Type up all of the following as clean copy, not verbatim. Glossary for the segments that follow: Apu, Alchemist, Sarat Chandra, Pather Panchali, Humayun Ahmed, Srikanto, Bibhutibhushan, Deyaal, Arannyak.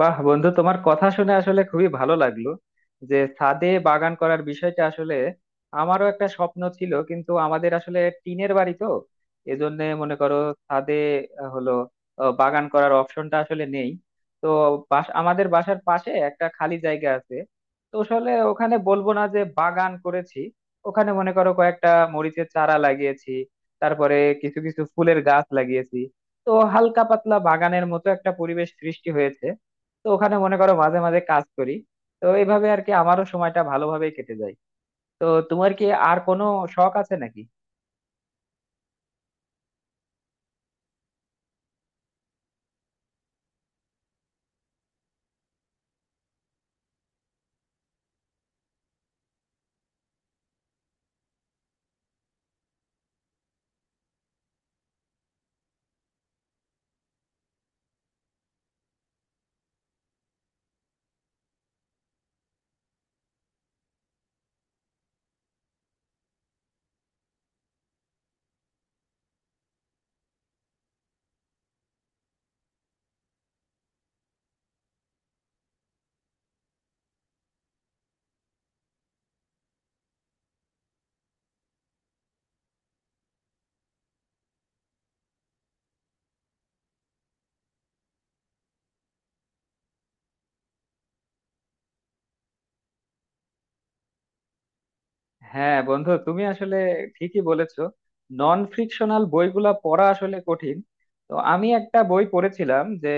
বাহ বন্ধু, তোমার কথা শুনে আসলে খুবই ভালো লাগলো যে ছাদে বাগান করার বিষয়টা আসলে আমারও একটা স্বপ্ন ছিল। কিন্তু আমাদের আসলে টিনের বাড়ি তো, এজন্য মনে করো ছাদে হলো বাগান করার অপশনটা আসলে নেই। তো আমাদের বাসার পাশে একটা খালি জায়গা আছে। তো আসলে ওখানে বলবো না যে বাগান করেছি, ওখানে মনে করো কয়েকটা মরিচের চারা লাগিয়েছি। তারপরে কিছু কিছু ফুলের গাছ লাগিয়েছি। তো হালকা পাতলা বাগানের মতো একটা পরিবেশ সৃষ্টি হয়েছে। তো ওখানে মনে করো মাঝে মাঝে কাজ করি। তো এইভাবে আর কি আমারও সময়টা ভালোভাবে কেটে যায়। তো তোমার কি আর কোনো শখ আছে নাকি? হ্যাঁ বন্ধু, তুমি আসলে ঠিকই বলেছো, নন ফ্রিকশনাল বইগুলা পড়া আসলে কঠিন। তো আমি একটা বই পড়েছিলাম যে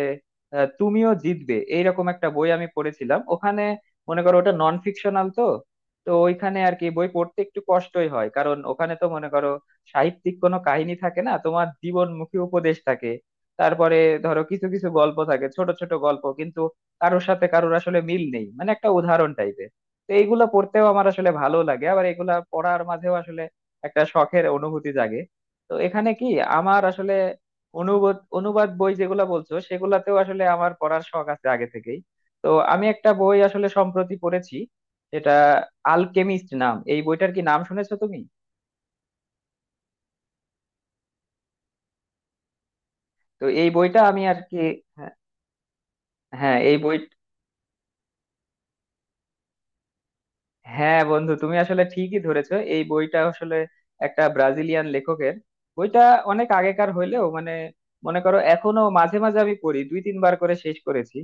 তুমিও জিতবে এইরকম একটা বই আমি পড়েছিলাম। ওখানে মনে করো ওটা নন ফিকশনাল তো। তো ওইখানে আর কি বই পড়তে একটু কষ্টই হয়, কারণ ওখানে তো মনে করো সাহিত্যিক কোনো কাহিনী থাকে না, তোমার জীবনমুখী উপদেশ থাকে। তারপরে ধরো কিছু কিছু গল্প থাকে, ছোট ছোট গল্প। কিন্তু কারোর সাথে কারোর আসলে মিল নেই, মানে একটা উদাহরণ টাইপের। তো এইগুলা পড়তেও আমার আসলে ভালো লাগে, আবার এগুলা পড়ার মাঝেও আসলে একটা শখের অনুভূতি জাগে। তো এখানে কি আমার আসলে অনুবাদ অনুবাদ বই যেগুলা বলছো সেগুলাতেও আসলে আমার পড়ার শখ আছে আগে থেকেই। তো আমি একটা বই আসলে সম্প্রতি পড়েছি, এটা আলকেমিস্ট নাম। এই বইটার কি নাম শুনেছো তুমি? তো এই বইটা আমি আর কি, হ্যাঁ হ্যাঁ, এই বই, হ্যাঁ বন্ধু তুমি আসলে ঠিকই ধরেছো। এই বইটা আসলে একটা ব্রাজিলিয়ান লেখকের। বইটা অনেক আগেকার হইলেও মানে মনে করো এখনো মাঝে মাঝে আমি পড়ি, দুই তিনবার করে শেষ করেছি।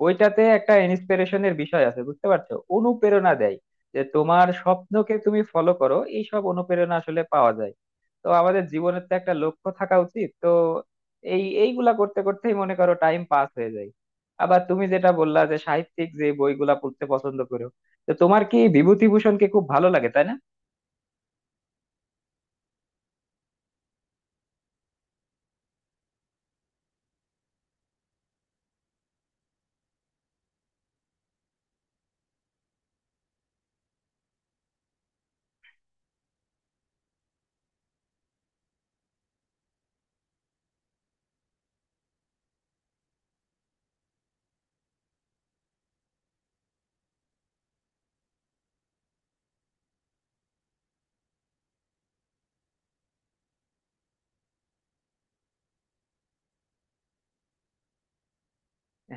বইটাতে একটা ইন্সপিরেশনের বিষয় আছে, বুঝতে পারছো, অনুপ্রেরণা দেয় যে তোমার স্বপ্নকে তুমি ফলো করো, এই সব অনুপ্রেরণা আসলে পাওয়া যায়। তো আমাদের জীবনের তো একটা লক্ষ্য থাকা উচিত, তো এইগুলা করতে করতেই মনে করো টাইম পাস হয়ে যায়। আবার তুমি যেটা বললা যে সাহিত্যিক যে বইগুলা পড়তে পছন্দ করো, তো তোমার কি বিভূতিভূষণকে খুব ভালো লাগে, তাই না?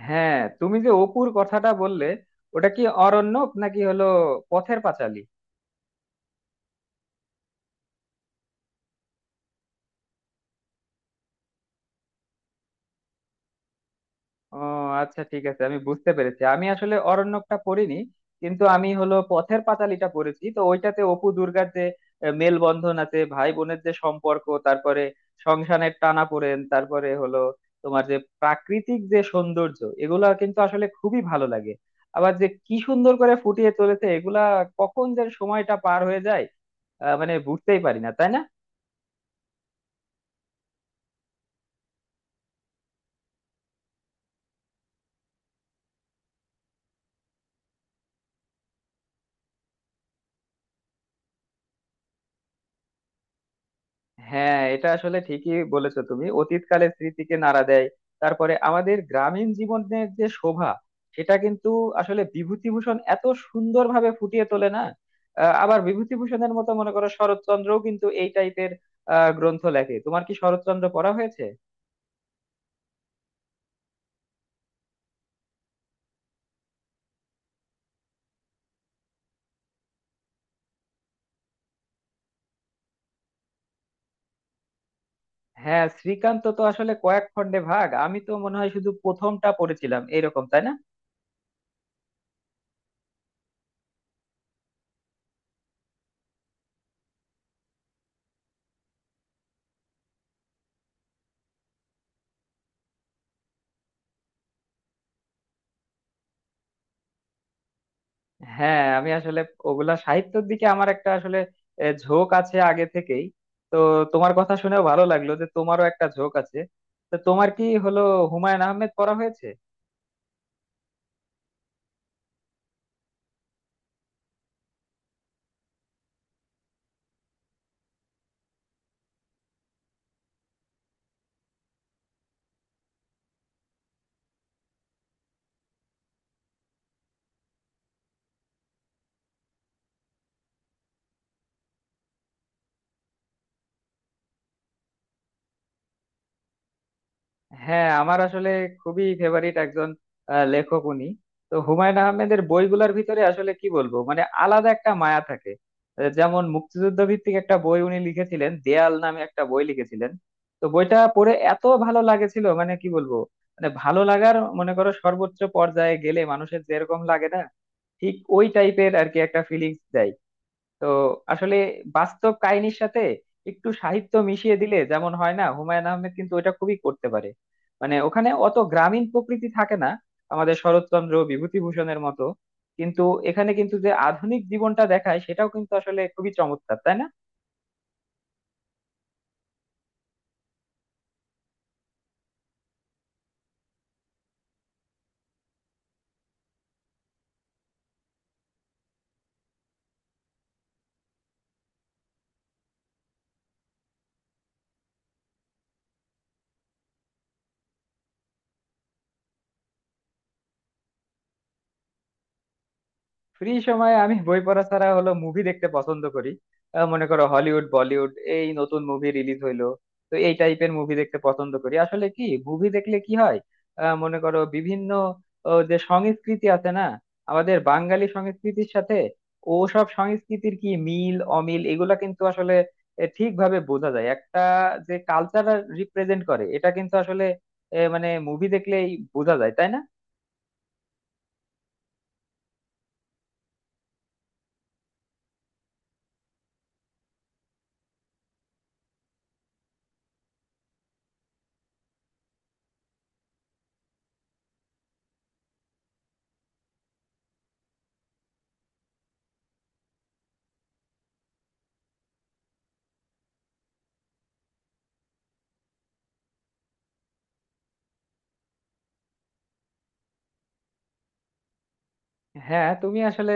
হ্যাঁ তুমি যে অপুর কথাটা বললে, ওটা কি অরণ্যক নাকি হলো পথের পাঁচালী? ও, আচ্ছা ঠিক আছে আমি বুঝতে পেরেছি, আমি আসলে অরণ্যকটা পড়িনি। কিন্তু আমি হলো পথের পাঁচালীটা পড়েছি। তো ওইটাতে অপু দুর্গার যে মেলবন্ধন আছে, ভাই বোনের যে সম্পর্ক, তারপরে সংসারের টানাপোড়েন, তারপরে হলো তোমার যে প্রাকৃতিক যে সৌন্দর্য, এগুলা কিন্তু আসলে খুবই ভালো লাগে। আবার যে কি সুন্দর করে ফুটিয়ে চলেছে এগুলা, কখন যে সময়টা পার হয়ে যায় মানে বুঝতেই পারি না, তাই না? হ্যাঁ এটা আসলে ঠিকই বলেছো তুমি, অতীতকালের স্মৃতিকে নাড়া দেয়। তারপরে আমাদের গ্রামীণ জীবনের যে শোভা, সেটা কিন্তু আসলে বিভূতিভূষণ এত সুন্দরভাবে ফুটিয়ে তোলে না। আবার বিভূতিভূষণের মতো মনে করো শরৎচন্দ্রও কিন্তু এই টাইপের গ্রন্থ লেখে। তোমার কি শরৎচন্দ্র পড়া হয়েছে? হ্যাঁ শ্রীকান্ত তো আসলে কয়েক খণ্ডে ভাগ, আমি তো মনে হয় শুধু প্রথমটা পড়েছিলাম এরকম, তাই না? হ্যাঁ আমি আসলে ওগুলা সাহিত্যের দিকে আমার একটা আসলে ঝোঁক আছে আগে থেকেই। তো তোমার কথা শুনেও ভালো লাগলো যে তোমারও একটা ঝোঁক আছে। তো তোমার কি হলো হুমায়ুন আহমেদ পড়া হয়েছে? হ্যাঁ আমার আসলে খুবই ফেভারিট একজন লেখক উনি। তো হুমায়ুন আহমেদের বইগুলোর ভিতরে আসলে কি বলবো, মানে আলাদা একটা মায়া থাকে। যেমন মুক্তিযুদ্ধ ভিত্তিক একটা বই উনি লিখেছিলেন, দেয়াল নামে একটা বই লিখেছিলেন। তো বইটা পড়ে এত ভালো লাগেছিল মানে কি বলবো, মানে ভালো লাগার মনে করো সর্বোচ্চ পর্যায়ে গেলে মানুষের যেরকম লাগে না, ঠিক ওই টাইপের আর কি একটা ফিলিংস দেয়। তো আসলে বাস্তব কাহিনীর সাথে একটু সাহিত্য মিশিয়ে দিলে যেমন হয় না, হুমায়ুন আহমেদ কিন্তু ওটা খুবই করতে পারে। মানে ওখানে অত গ্রামীণ প্রকৃতি থাকে না আমাদের শরৎচন্দ্র বিভূতিভূষণের মতো, কিন্তু এখানে কিন্তু যে আধুনিক জীবনটা দেখায় সেটাও কিন্তু আসলে খুবই চমৎকার, তাই না? ফ্রি সময়ে আমি বই পড়া ছাড়া হলো মুভি দেখতে পছন্দ করি। মনে করো হলিউড বলিউড এই নতুন মুভি রিলিজ হইলো, তো এই টাইপের মুভি দেখতে পছন্দ করি। আসলে কি মুভি দেখলে কি হয়, মনে করো বিভিন্ন যে সংস্কৃতি আছে না, আমাদের বাঙালি সংস্কৃতির সাথে ও সব সংস্কৃতির কি মিল অমিল, এগুলা কিন্তু আসলে ঠিকভাবে বোঝা যায়। একটা যে কালচার রিপ্রেজেন্ট করে এটা কিন্তু আসলে মানে মুভি দেখলেই বোঝা যায়, তাই না? হ্যাঁ তুমি আসলে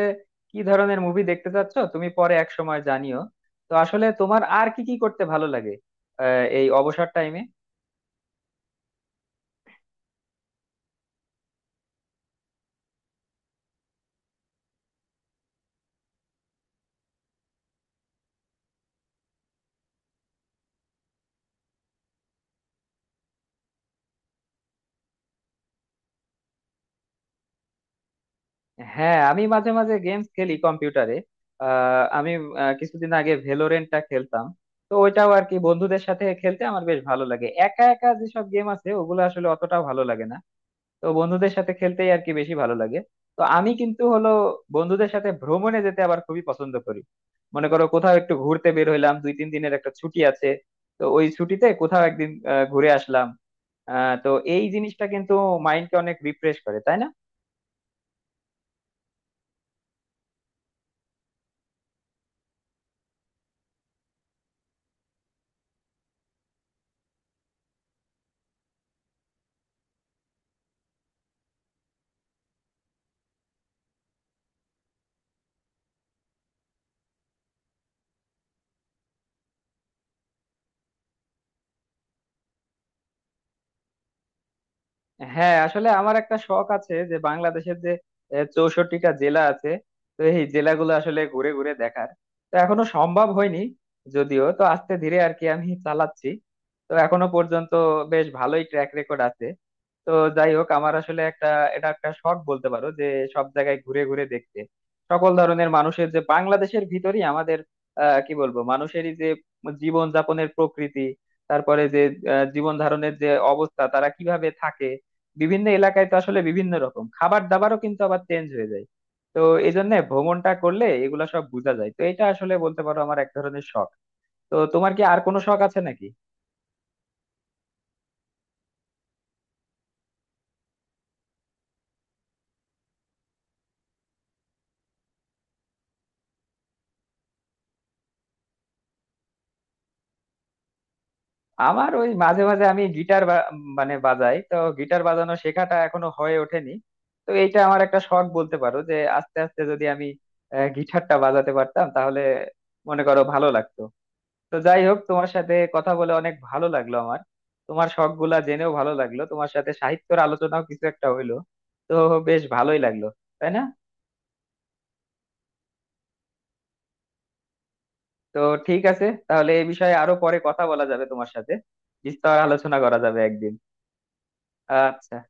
কি ধরনের মুভি দেখতে চাচ্ছ তুমি পরে এক সময় জানিও। তো আসলে তোমার আর কি কি করতে ভালো লাগে এই অবসর টাইমে? হ্যাঁ আমি মাঝে মাঝে গেমস খেলি কম্পিউটারে। আমি কিছুদিন আগে ভেলোরেন্টটা খেলতাম। তো ওইটাও আর কি বন্ধুদের সাথে খেলতে আমার বেশ ভালো লাগে, একা একা যেসব গেম আছে ওগুলো আসলে অতটাও ভালো লাগে না। তো বন্ধুদের সাথে খেলতেই আর কি বেশি ভালো লাগে। তো আমি কিন্তু হলো বন্ধুদের সাথে ভ্রমণে যেতে আবার খুবই পছন্দ করি। মনে করো কোথাও একটু ঘুরতে বের হইলাম, দুই তিন দিনের একটা ছুটি আছে, তো ওই ছুটিতে কোথাও একদিন ঘুরে আসলাম। তো এই জিনিসটা কিন্তু মাইন্ডকে অনেক রিফ্রেশ করে, তাই না? হ্যাঁ আসলে আমার একটা শখ আছে যে বাংলাদেশের যে 64টা জেলা আছে, তো এই জেলাগুলো আসলে ঘুরে ঘুরে দেখার। তো এখনো সম্ভব হয়নি, যদিও তো আস্তে ধীরে আর কি আমি চালাচ্ছি। তো এখনো পর্যন্ত বেশ ভালোই ট্র্যাক রেকর্ড আছে। তো যাই হোক আমার আসলে একটা, এটা একটা শখ বলতে পারো যে সব জায়গায় ঘুরে ঘুরে দেখতে সকল ধরনের মানুষের যে বাংলাদেশের ভিতরই আমাদের কি বলবো মানুষেরই যে জীবন যাপনের প্রকৃতি, তারপরে যে জীবন ধারণের যে অবস্থা তারা কিভাবে থাকে। বিভিন্ন এলাকায় তো আসলে বিভিন্ন রকম খাবার দাবারও কিন্তু আবার চেঞ্জ হয়ে যায়। তো এই জন্য ভ্রমণটা করলে এগুলা সব বোঝা যায়, তো এটা আসলে বলতে পারো আমার এক ধরনের শখ। তো তোমার কি আর কোনো শখ আছে নাকি? আমার ওই মাঝে মাঝে আমি গিটার মানে বাজাই, তো গিটার বাজানো শেখাটা এখনো হয়ে ওঠেনি। তো এইটা আমার একটা শখ বলতে পারো যে আস্তে আস্তে যদি আমি গিটারটা বাজাতে পারতাম তাহলে মনে করো ভালো লাগতো। তো যাই হোক তোমার সাথে কথা বলে অনেক ভালো লাগলো আমার, তোমার শখ গুলা জেনেও ভালো লাগলো, তোমার সাথে সাহিত্যের আলোচনাও কিছু একটা হইলো। তো বেশ ভালোই লাগলো, তাই না? তো ঠিক আছে তাহলে এই বিষয়ে আরো পরে কথা বলা যাবে তোমার সাথে, বিস্তর আলোচনা করা যাবে একদিন। আচ্ছা।